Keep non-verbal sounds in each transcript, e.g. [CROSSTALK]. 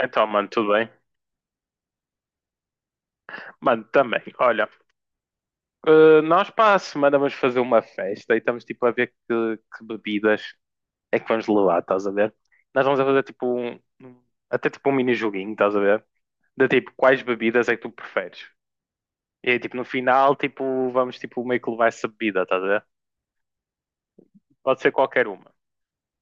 Então, mano, tudo bem? Mano, também. Olha, nós para a semana vamos fazer uma festa e estamos tipo a ver que bebidas é que vamos levar, estás a ver? Nós vamos a fazer tipo um. Um- Até tipo um mini joguinho, estás a ver? De tipo, quais bebidas é que tu preferes? E aí, tipo, no final, tipo, vamos tipo meio que levar essa bebida, estás a ver? Pode ser qualquer uma.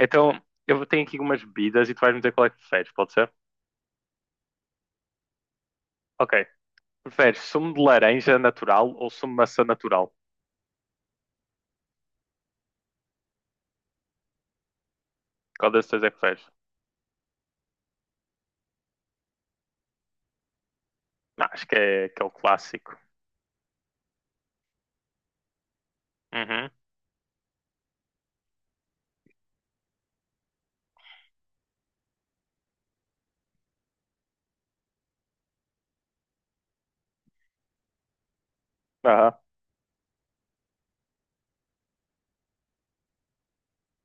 Então, eu tenho aqui umas bebidas e tu vais me dizer qual é que preferes, pode ser? Ok. Preferes sumo de laranja natural ou sumo de maçã natural? Qual dessas três é que preferes? Não, acho que é que é o clássico. Uhum. Aham.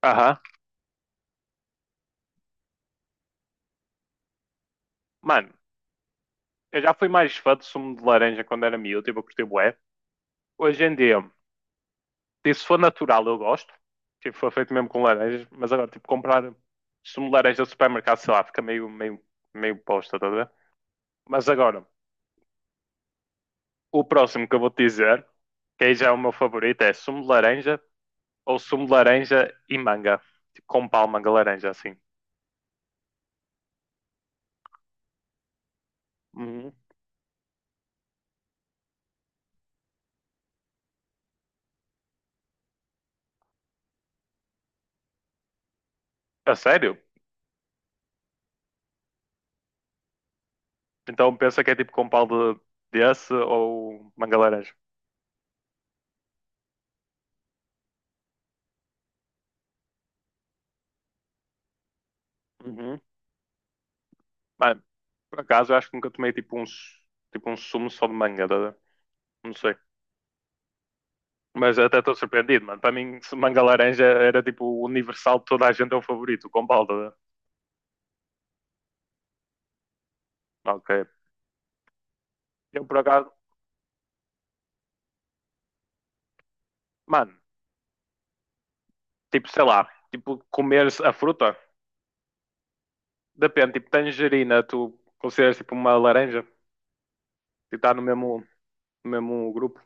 Aham. Mano, eu já fui mais fã de sumo de laranja quando era miúdo, tipo, eu curti bué. Hoje em dia, tipo, se for natural, eu gosto. Tipo, foi feito mesmo com laranjas, mas agora, tipo, comprar sumo de laranja do supermercado, sei lá, fica meio, meio posta, tá a ver? Mas agora, o próximo que eu vou te dizer, que aí já é o meu favorito, é sumo de laranja ou sumo de laranja e manga. Tipo, com palma de laranja, assim. Uhum. A sério? Então pensa que é tipo com pau de desse ou manga laranja. Uhum. Mano, por acaso eu acho que nunca tomei tipo um, su- tipo um sumo só de manga, tá a ver? Não sei. Mas até estou surpreendido, mano. Para mim, se manga laranja era tipo universal, toda a gente é o favorito, com balda. Né? Ok. Eu por acaso, mano, tipo, sei lá, tipo, comer a fruta, depende, tipo, tangerina, tu consideras tipo uma laranja, tipo, está no mesmo, no mesmo grupo.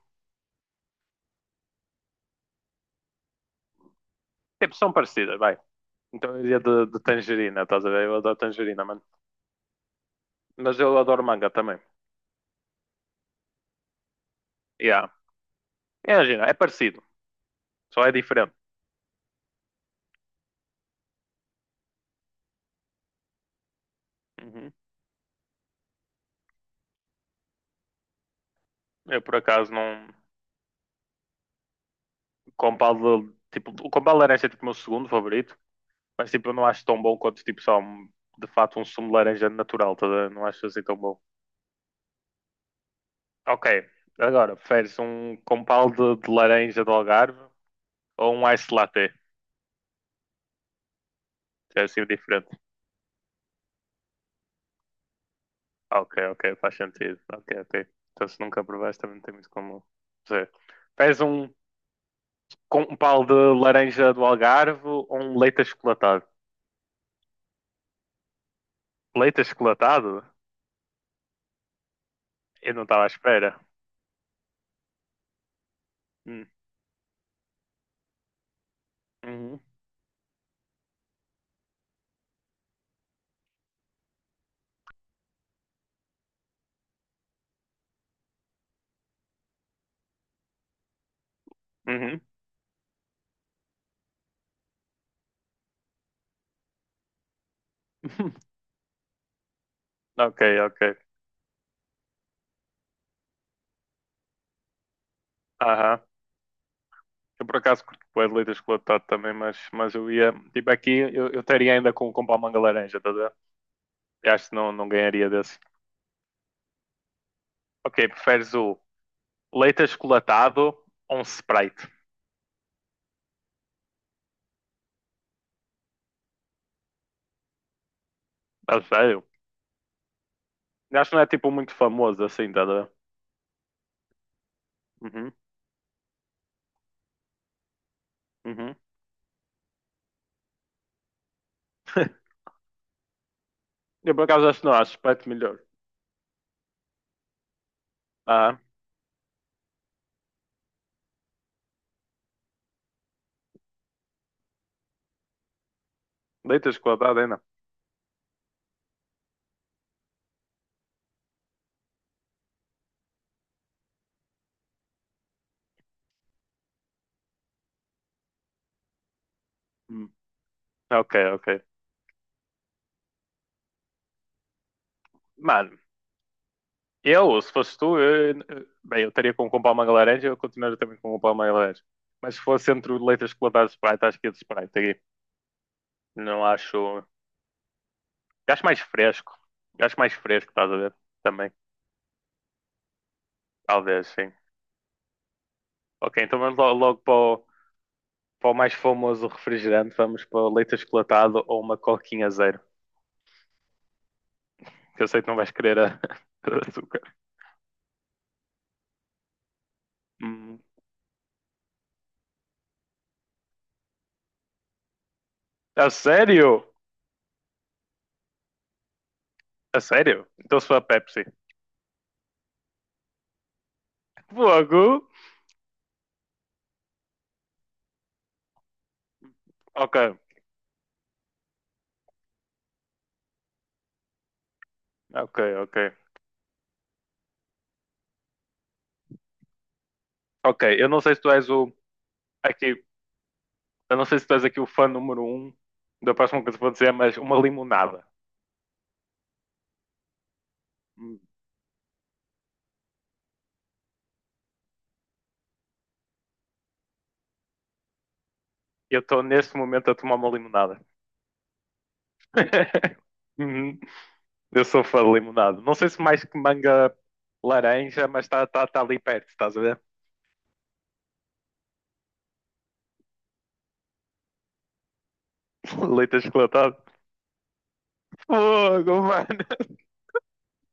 Tipo, são parecidas, vai. Então eu iria de tangerina, estás a ver? Eu adoro tangerina, mano. Mas eu adoro manga também. Yeah. Imagina, é parecido, só é diferente. Uhum. Eu por acaso não. Compal, tipo, o compal de laranja é tipo o meu segundo favorito, mas tipo, eu não acho tão bom quanto tipo só um- de fato um sumo de laranja natural, tá? A ver? Não acho assim tão bom. Ok, agora, preferes um compal de laranja do Algarve ou um ice latte? É assim diferente. Ok, ok, faz sentido. Ok, ok. Então se nunca provaste também não tem muito como dizer. Preferes um com um pau de laranja do Algarve ou um leite achocolatado? Leite achocolatado? Eu não estava à espera. Hum. Uhum. Uhum. [LAUGHS] Ok, ok. Aham. Eu por acaso curto bué de leite achocolatado também, mas eu ia. Tipo, aqui eu estaria ainda com palmanga laranja, tá a ver? Eu acho que não, não ganharia desse. Ok, preferes o leite achocolatado ou um Sprite? A sério? Eu acho que não é tipo muito famoso assim, tá a ver? Uhum. Uhum. [LAUGHS] Eu por acaso acho que não, acho Sprite melhor. Ah, leite achocolatado ainda. Hum. Ok, ok. Mano, eu, se fosse tu, eu- bem, eu estaria com comprar uma laranja, eu continuaria também com comprar uma laranja. Mas se fosse entre o leite achocolatado e Sprite, acho que ia de Sprite aqui. Não acho. Acho mais fresco. Acho mais fresco, estás a ver? Também. Talvez, sim. Ok, então vamos lo- logo para o, para o mais famoso refrigerante. Vamos para o leite achocolatado ou uma coquinha zero. Que eu sei que não vais querer a, [LAUGHS] a açúcar. Hum. A sério? A sério? Então se for a Pepsi. Fogo! Ok. Ok, ok. Ok, eu não sei se tu és o aqui, eu não sei se tu és aqui o fã número um da próxima coisa que vou dizer, mas uma limonada. Hum. Eu estou neste momento a tomar uma limonada. [LAUGHS] Uhum. Eu sou fã de limonada. Não sei se mais que manga laranja, mas está tá, tá tá ali perto, estás a ver? [LAUGHS] Leite achocolatado. Fogo, mano.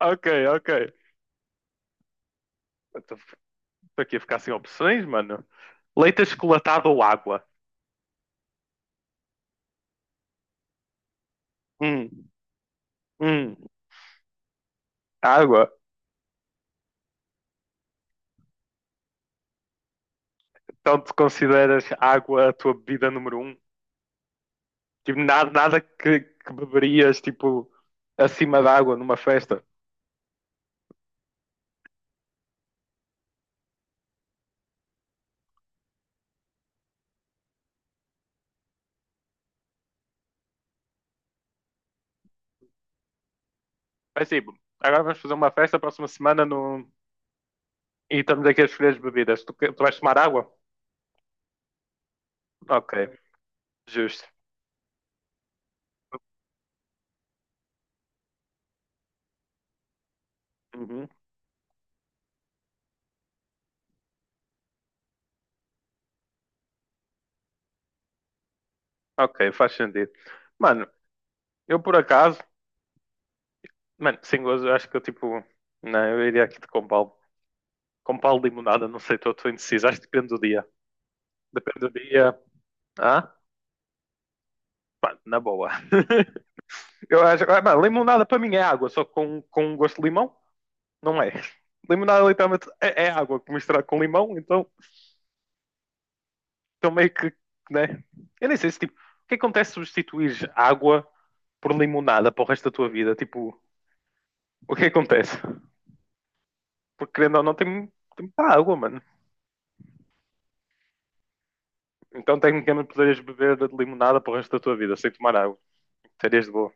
Ok, ok. Estou aqui a ficar sem opções, mano. Leite achocolatado ou água? Hum, hum. Água, então tu consideras água a tua bebida número um? Tipo, nada que, que beberias, tipo, acima da água numa festa? Mas tipo, agora vamos fazer uma festa próxima semana no... e estamos aqui a escolher as bebidas. Tu, que- tu vais tomar água? Ok, justo. Uhum. Ok, faz sentido. Mano, eu por acaso, mano, sem gozo, eu acho que eu tipo, não, eu iria aqui de Compal. Com pau de limonada, não sei, estou indeciso. Acho que depende do dia. Depende do dia. Ah, pá, na boa. [LAUGHS] Eu acho, ah, pá, limonada para mim é água, só com um gosto de limão, não é? Limonada literalmente é água misturada com limão, então, então meio que, né? Eu nem sei se tipo, o que acontece se substituir água por limonada para o resto da tua vida? Tipo, o que acontece? Porque querendo ou não, tem, tem muita água, mano. Então tecnicamente poderias beber de limonada para o resto da tua vida sem tomar água. Terias de boa.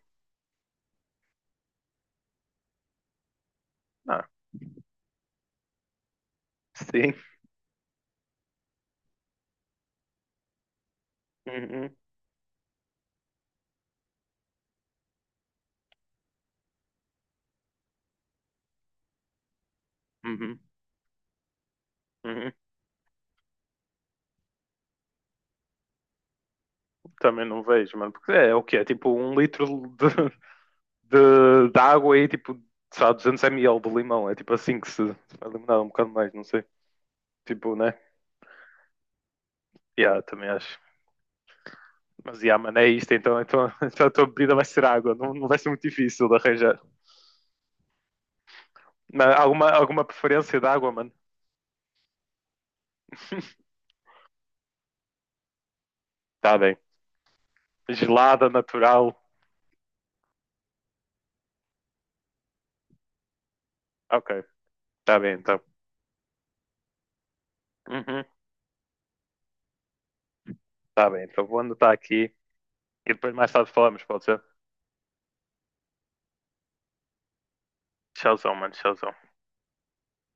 Ah, sim. Uhum. Uhum, uhum. Também não vejo, mano. Porque é, é o que é? Tipo um litro de, de água e tipo, sei lá, 200 ml de limão. É tipo assim que se vai eliminar um bocado mais, não sei. Tipo, né? Yeah, também acho. Mas yeah, mano, é isto. Então, então, [LAUGHS] então a tua bebida vai ser água. Não, não vai ser muito difícil de arranjar. Mas alguma, alguma preferência de água, mano? Tá bem. Gelada, natural. Ok, tá bem então. Uhum. Tá bem, então vou anotar aqui e depois mais tarde falamos, pode ser? Tchauzão, mano, tchauzão.